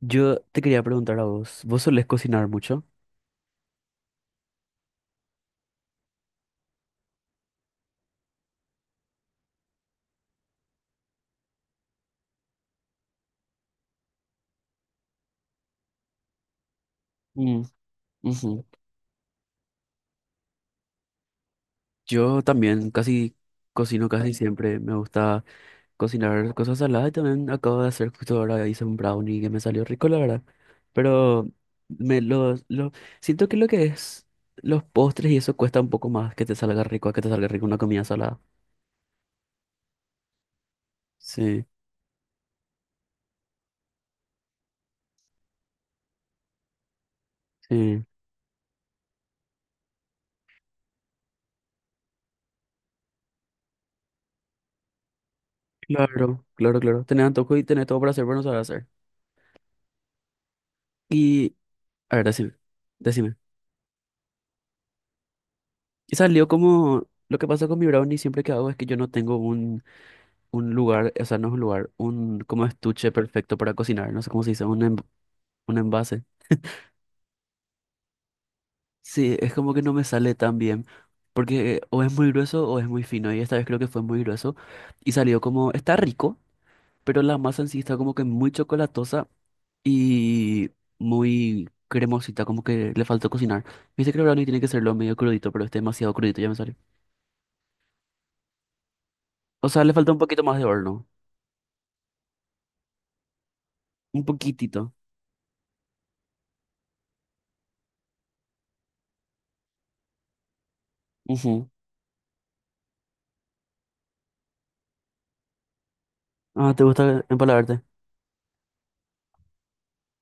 Yo te quería preguntar a vos, ¿vos solés cocinar mucho? Mm, ujú. Yo también casi cocino casi siempre, me gusta cocinar cosas saladas y también acabo de hacer justo ahora hice un brownie que me salió rico, la verdad. Pero me lo siento que lo que es los postres y eso cuesta un poco más que te salga rico, a que te salga rico una comida salada. Sí, sí, claro, claro, claro. Tenés antojo y tenés todo para hacer, pero no sabés hacer. Y, a ver, decime, decime. Y salió como, lo que pasa con mi brownie siempre que hago es que yo no tengo un lugar, o sea, no es un lugar, un como estuche perfecto para cocinar, no sé cómo se dice, un envase. Sí, es como que no me sale tan bien, porque o es muy grueso o es muy fino, y esta vez creo que fue muy grueso, y salió como, está rico, pero la masa en sí está como que muy chocolatosa y muy cremosita, como que le faltó cocinar. Viste que el brownie tiene que serlo medio crudito, pero este demasiado crudito, ya me salió. O sea, le falta un poquito más de horno, un poquitito. Ujú. Ah, ¿te gusta empalagarte?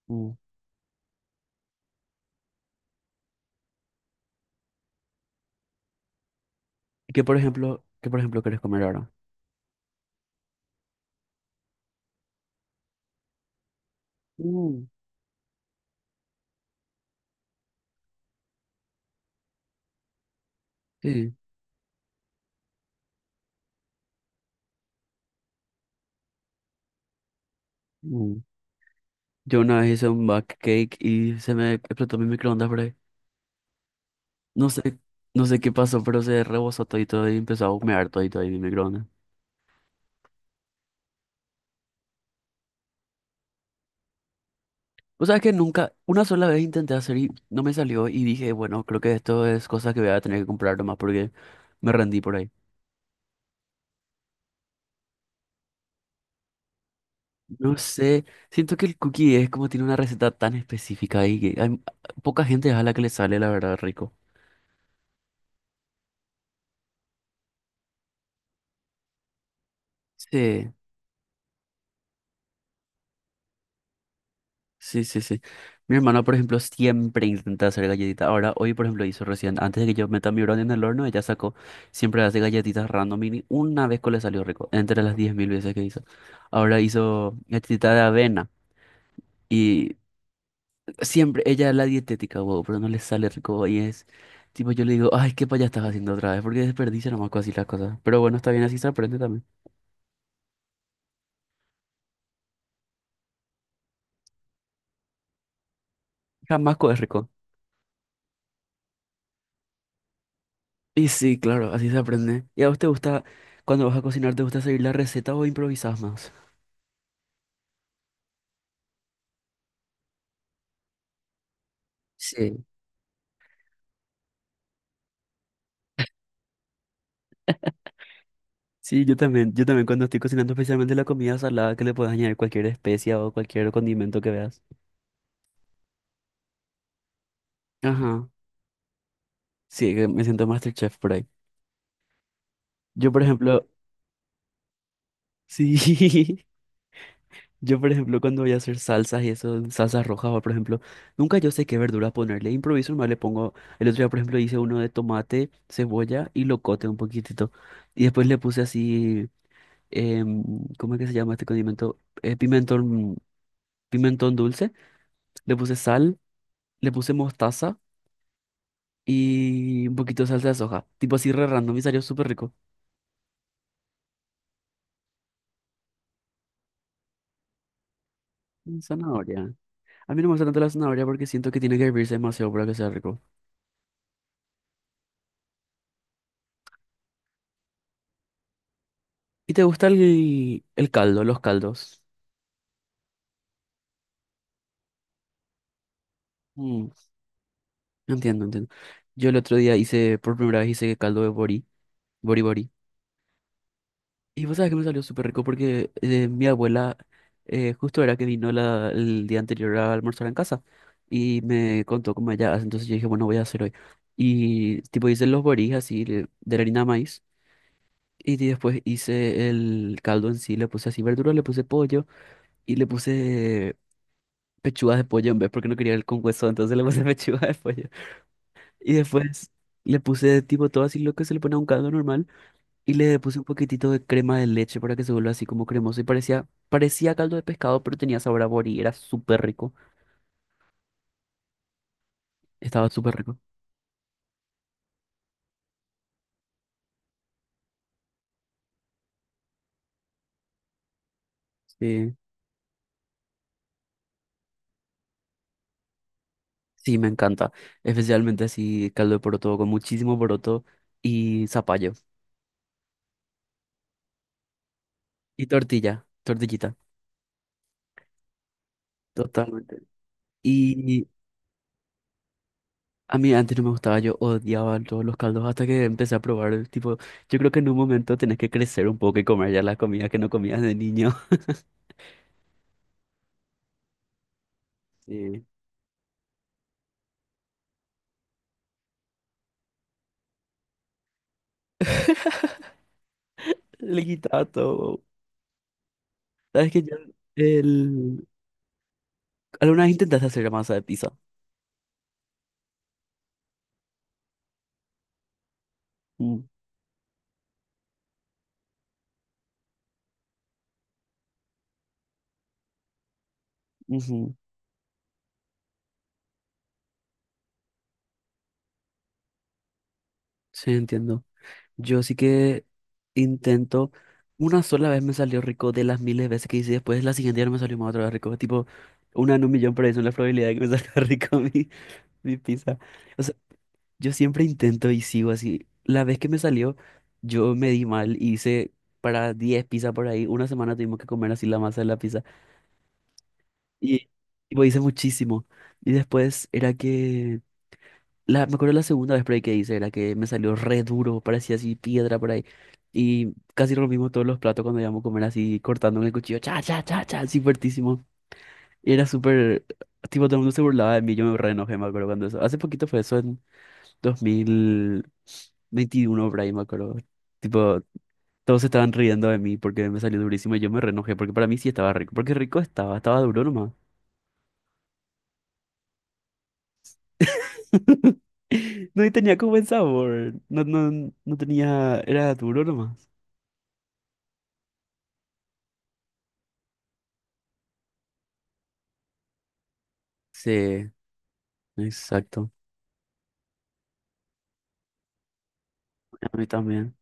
Mm. ¿Y qué, por ejemplo, querés comer ahora? Mm, sí. Mm. Yo una vez hice un back cake y se me explotó mi microondas por ahí. No sé, no sé, qué pasó, pero se rebosó todito y empezó a humear todito ahí mi microondas. O sea, que nunca, una sola vez intenté hacer y no me salió y dije, bueno, creo que esto es cosa que voy a tener que comprar nomás porque me rendí por ahí. No sé, siento que el cookie es como tiene una receta tan específica y que hay, poca gente es a la que le sale la verdad rico. Sí, sí, sí, sí. Mi hermana, por ejemplo, siempre intenta hacer galletitas. Ahora, hoy, por ejemplo, hizo recién, antes de que yo meta mi brownie en el horno, ella sacó, siempre hace galletitas random y ni una vez que le salió rico, entre las 10,000 veces que hizo. Ahora hizo galletita de avena y siempre, ella es la dietética, wow, pero no le sale rico y es, tipo, yo le digo, ay, qué payas estás haciendo otra vez, porque desperdicia nomás así las cosas. Pero bueno, está bien, así se aprende también. Jamás es rico. Y sí, claro, así se aprende. ¿Y a vos te gusta, cuando vas a cocinar, te gusta seguir la receta o improvisás más? Sí, sí, yo también cuando estoy cocinando especialmente la comida salada, que le puedes añadir cualquier especia o cualquier condimento que veas. Ajá, sí, que me siento MasterChef por ahí. Yo, por ejemplo, sí, yo, por ejemplo, cuando voy a hacer salsas y eso, salsas rojas, o por ejemplo, nunca yo sé qué verduras ponerle, improviso, nomás le pongo, el otro día, por ejemplo, hice uno de tomate, cebolla y locote un poquitito, y después le puse así em, ¿cómo es que se llama este condimento? Pimentón, pimentón dulce, le puse sal, le puse mostaza y un poquito de salsa de soja, tipo así re random y salió súper rico. Y zanahoria. A mí no me gusta tanto la zanahoria porque siento que tiene que hervirse demasiado para que sea rico. ¿Y te gusta el caldo, los caldos? Mm, entiendo, entiendo. Yo el otro día hice, por primera vez hice caldo de borí, borí borí. Y vos sabés que me salió súper rico porque mi abuela justo era que vino el día anterior a almorzar en casa y me contó cómo ella hace. Entonces yo dije, bueno, voy a hacer hoy. Y tipo hice los borís así de la harina de maíz y después hice el caldo en sí, le puse así verduras, le puse pollo y le puse pechugas de pollo en vez porque no quería el con hueso, entonces le puse pechuga de pollo. Y después le puse tipo todo así lo que se le pone a un caldo normal. Y le puse un poquitito de crema de leche para que se vuelva así como cremoso. Y parecía, parecía caldo de pescado, pero tenía sabor a borí. Era súper rico. Estaba súper rico. Sí. Sí, me encanta. Especialmente así caldo de poroto con muchísimo poroto y zapallo. Y tortilla, tortillita. Totalmente. Y a mí antes no me gustaba, yo odiaba todos los caldos hasta que empecé a probar. Tipo, yo creo que en un momento tenés que crecer un poco y comer ya las comidas que no comías de niño. Sí. Le quitaba todo. ¿Sabes que Yo, el, ¿Alguna vez intentaste hacer masa de pizza? Mm, ujú. Sí, entiendo. Yo sí que intento. Una sola vez me salió rico de las miles de veces que hice. Después, la siguiente día no me salió más otra vez rico. Tipo, una en un millón, por eso es la probabilidad de que me salga rico mi pizza. O sea, yo siempre intento y sigo así. La vez que me salió, yo me di mal. Y hice para 10 pizzas por ahí. Una semana tuvimos que comer así la masa de la pizza. Y tipo, hice muchísimo. Y después era que. La, me acuerdo la segunda vez por ahí que hice, la que me salió re duro, parecía así piedra por ahí. Y casi rompimos todos los platos cuando íbamos a comer así, cortando con el cuchillo, cha, cha, cha, cha, así fuertísimo. Y era súper, tipo, todo el mundo se burlaba de mí, yo me re enojé, me acuerdo cuando eso. Hace poquito fue eso, en 2021 por ahí, me acuerdo. Tipo, todos se estaban riendo de mí porque me salió durísimo y yo me re enojé, porque para mí sí estaba rico, porque rico estaba, estaba duro nomás. No, y tenía como buen sabor. No, no, no tenía, era duro nomás. Sí, exacto. A mí también.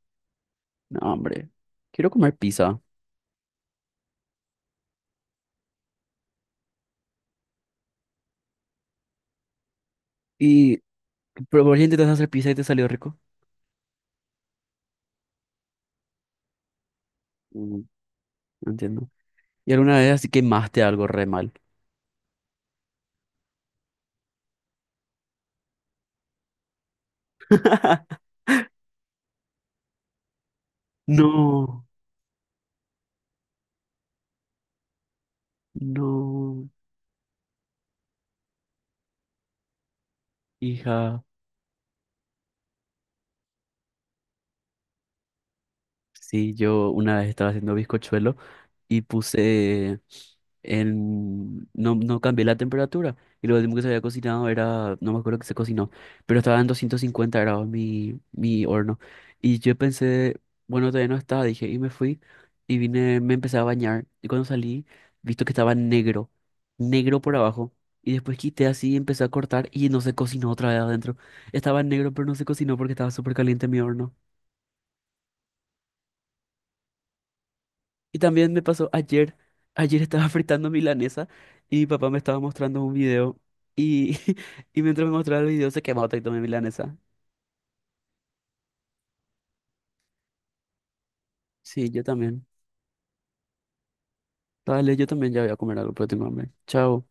No, hombre. Quiero comer pizza. Y pero vos ya intentaste hacer pizza y te salió rico. Mm, no entiendo. Y alguna vez así quemaste algo re mal. No, no. Hija. Sí, yo una vez estaba haciendo bizcochuelo. Y puse en... No, no cambié la temperatura. Y lo último que se había cocinado era... No me acuerdo que se cocinó. Pero estaba en 250 grados mi horno. Y yo pensé, bueno, todavía no está. Dije, y me fui. Y vine, me empecé a bañar. Y cuando salí, visto que estaba negro. Negro por abajo. Y después quité así y empecé a cortar. Y no se cocinó otra vez adentro. Estaba negro, pero no se cocinó porque estaba súper caliente mi horno. Y también me pasó ayer, ayer estaba fritando milanesa y mi papá me estaba mostrando un video y, y mientras me mostraba el video se quemó todo mi milanesa. Sí, yo también. Dale, yo también ya voy a comer algo, pero tengo hambre. Chao.